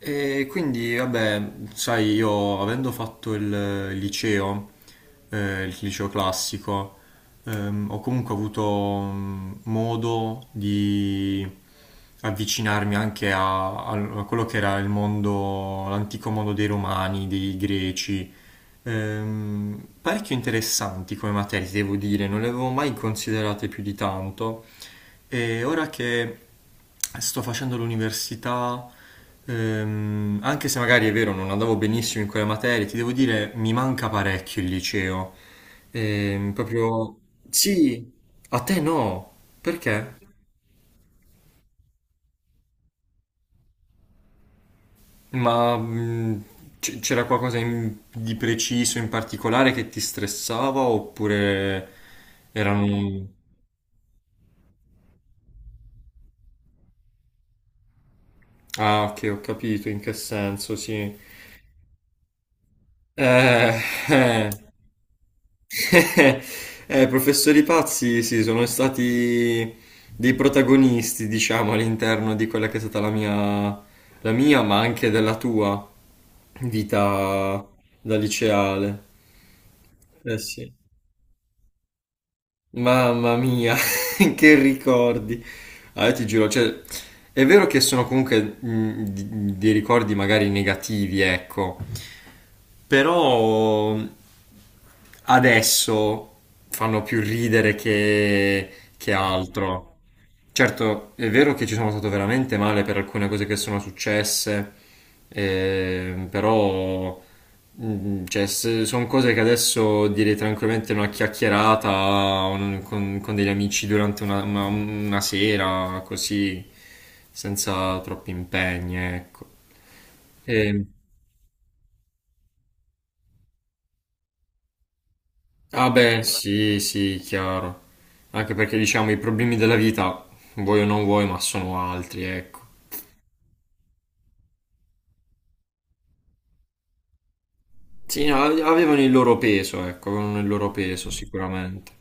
E quindi, vabbè, sai, io avendo fatto il liceo, il liceo classico, ho comunque avuto modo di avvicinarmi anche a quello che era il mondo, l'antico mondo dei Romani, dei Greci, parecchio interessanti come materie, devo dire, non le avevo mai considerate più di tanto. E ora che sto facendo l'università, anche se magari è vero, non andavo benissimo in quelle materie, ti devo dire, mi manca parecchio il liceo. Proprio... Sì, a te no. Perché? Ma c'era qualcosa di preciso, in particolare, che ti stressava oppure erano... Ah, ok, ho capito in che senso, sì. Eh, eh. Professori pazzi, sì, sono stati dei protagonisti, diciamo, all'interno di quella che è stata la mia, ma anche della tua vita da liceale. Eh sì. Mamma mia, che ricordi. Ah, io ti giuro, cioè, è vero che sono comunque dei ricordi magari negativi, ecco, però adesso fanno più ridere che altro. Certo, è vero che ci sono stato veramente male per alcune cose che sono successe, però cioè, sono cose che adesso direi tranquillamente una chiacchierata con degli amici durante una sera, così, senza troppi impegni, ecco. Ah beh, sì, sì, chiaro. Anche perché diciamo i problemi della vita, vuoi o non vuoi, ma sono altri, ecco. Sì, no, avevano il loro peso, ecco, avevano il loro peso sicuramente.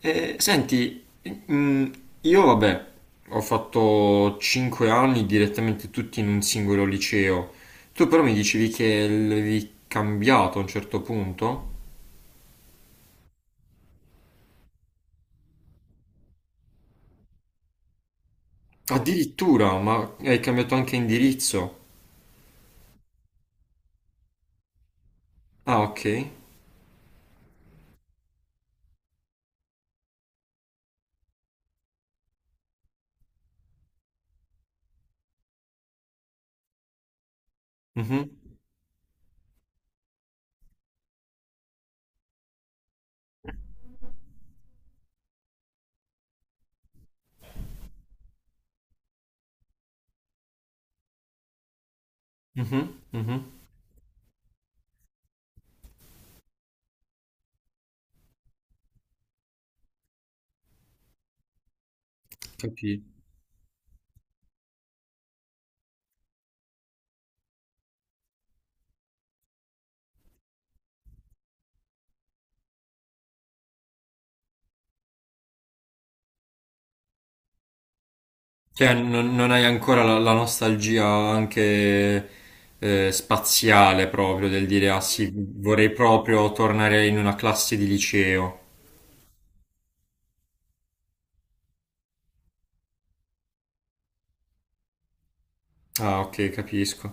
Senti, mm, io vabbè, ho fatto 5 anni direttamente tutti in un singolo liceo. Tu però mi dicevi che l'avevi cambiato a un certo punto? Addirittura, ma hai cambiato anche indirizzo. Ah, ok. Mhm, mhm, mhm. Capì. Cioè, non, non hai ancora la, la nostalgia anche spaziale proprio del dire, ah sì, vorrei proprio tornare in una classe di liceo. Ah, ok, capisco.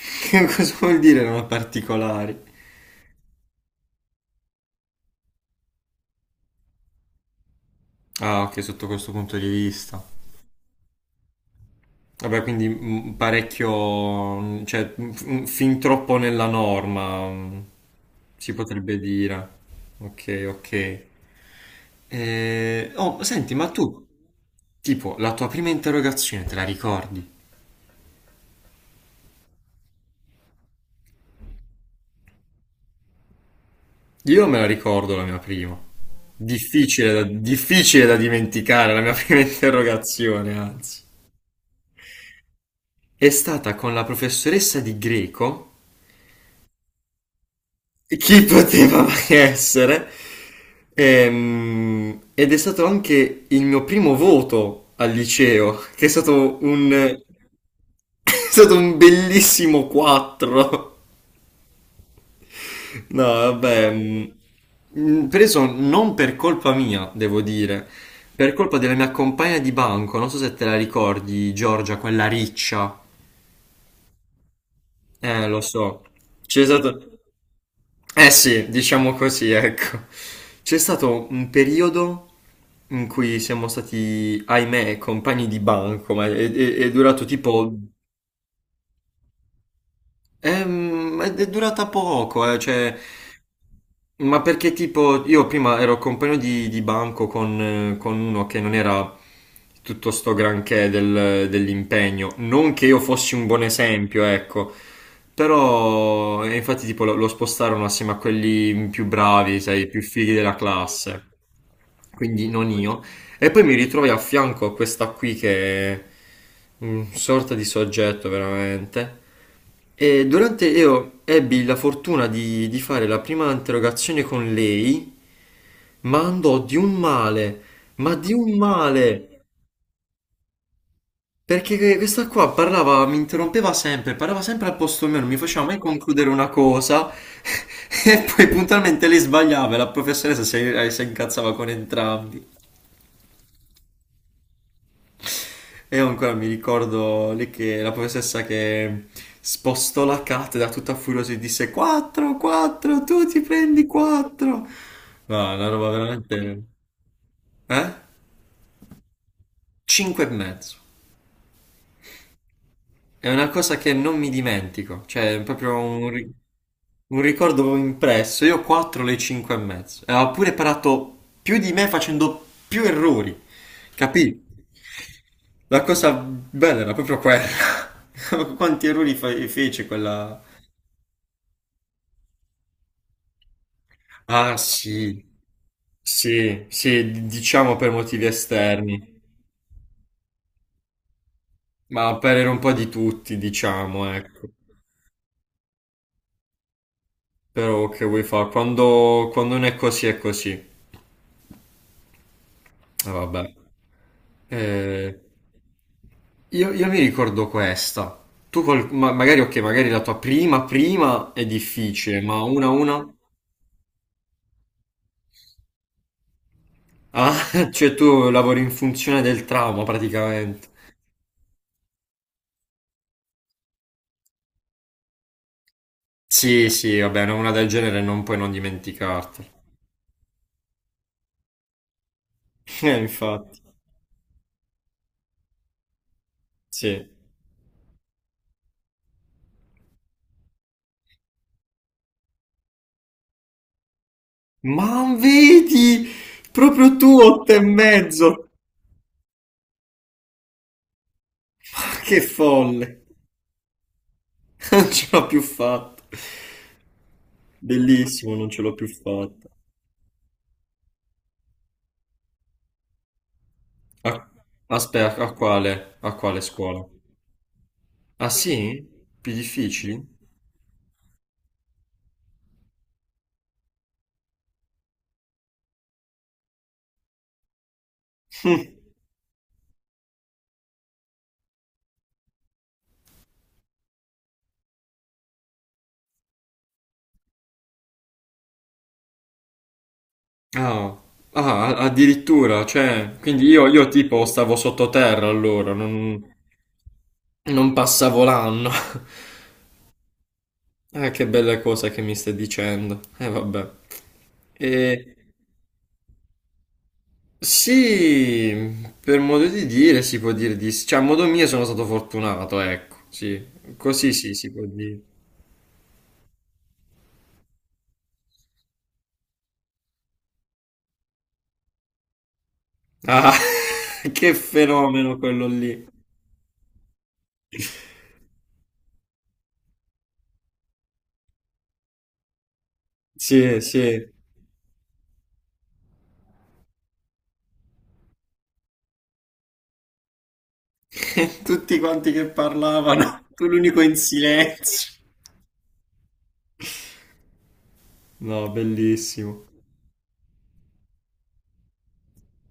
Cosa vuol dire non particolari? Ah, ok, sotto questo punto di vista. Vabbè, quindi parecchio, cioè fin troppo nella norma, si potrebbe dire. Ok, ok. Oh, senti, ma tu, tipo, la tua prima interrogazione te la ricordi? Io me la ricordo la mia prima. Difficile da dimenticare la mia prima interrogazione, anzi. È stata con la professoressa di greco, chi poteva mai essere. Ed è stato anche il mio primo voto al liceo, che è stato un, è stato un bellissimo 4. No, vabbè, preso non per colpa mia, devo dire, per colpa della mia compagna di banco, non so se te la ricordi, Giorgia, quella riccia. Lo so. C'è stato. Eh sì, diciamo così, ecco. C'è stato un periodo in cui siamo stati, ahimè, compagni di banco, ma è, è durato tipo. È durata poco, cioè, ma perché tipo io prima ero compagno di banco con uno che non era tutto sto granché dell'impegno, non che io fossi un buon esempio, ecco, però e infatti tipo lo, lo spostarono assieme a quelli più bravi, sai, i più fighi della classe, quindi non io. E poi mi ritrovai a fianco a questa qui che è un sorta di soggetto veramente. E durante io ebbi la fortuna di fare la prima interrogazione con lei, ma andò di un male, ma di un male, perché questa qua parlava, mi interrompeva sempre, parlava sempre al posto mio, non mi faceva mai concludere una cosa, e poi puntualmente lei sbagliava e la professoressa si, si incazzava con entrambi. E io ancora mi ricordo lì che la professoressa che spostò la cattedra tutta furiosa e disse 4, 4, tu ti prendi 4. No, una roba veramente... Eh? 5 e mezzo. È una cosa che non mi dimentico, cioè è proprio un, un ricordo impresso. Io ho 4 le 5 e mezzo. E ha pure parato più di me facendo più errori. Capì? La cosa bella era proprio quella. Quanti errori fece quella... Ah sì, sì, sì, diciamo per motivi esterni, ma per errore un po' di tutti, diciamo, ecco. Però che vuoi fare? Quando, quando non è così è così. Ah, vabbè. Eh, io mi ricordo questa. Tu magari, ok, magari la tua prima prima è difficile, ma una a una? Ah, cioè tu lavori in funzione del trauma praticamente. Sì, sì, vabbè, no, una del genere non puoi non dimenticartela. Infatti, sì. Ma vedi, proprio tu 8 e mezzo. Che folle. Non ce l'ho più fatta. Bellissimo, non ce l'ho più fatta. A- Aspetta, a quale? A quale scuola? Ah sì? Più difficili? Ah, ah, addirittura, cioè, quindi io tipo stavo sottoterra allora, non, non passavo l'anno. Ah, che belle cose che mi stai dicendo. Vabbè. E sì, per modo di dire si può dire di sì. Cioè, a modo mio sono stato fortunato, ecco, sì. Così sì, si può dire. Ah, che fenomeno quello lì. Sì, sì. E tutti quanti che parlavano, tu l'unico in silenzio. No, bellissimo.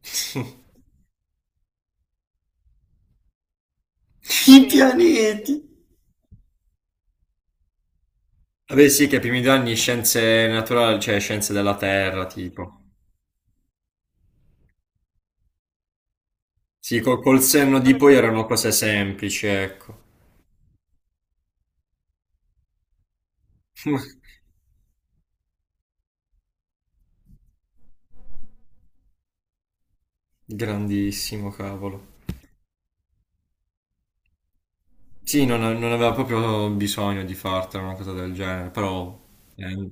I pianeti. Vabbè, sì, che i primi 2 anni scienze naturali, cioè scienze della Terra, tipo. Sì, col, col senno di poi erano cose semplici, ecco. Grandissimo, cavolo. Sì, non, non aveva proprio bisogno di fartela una cosa del genere, però eh,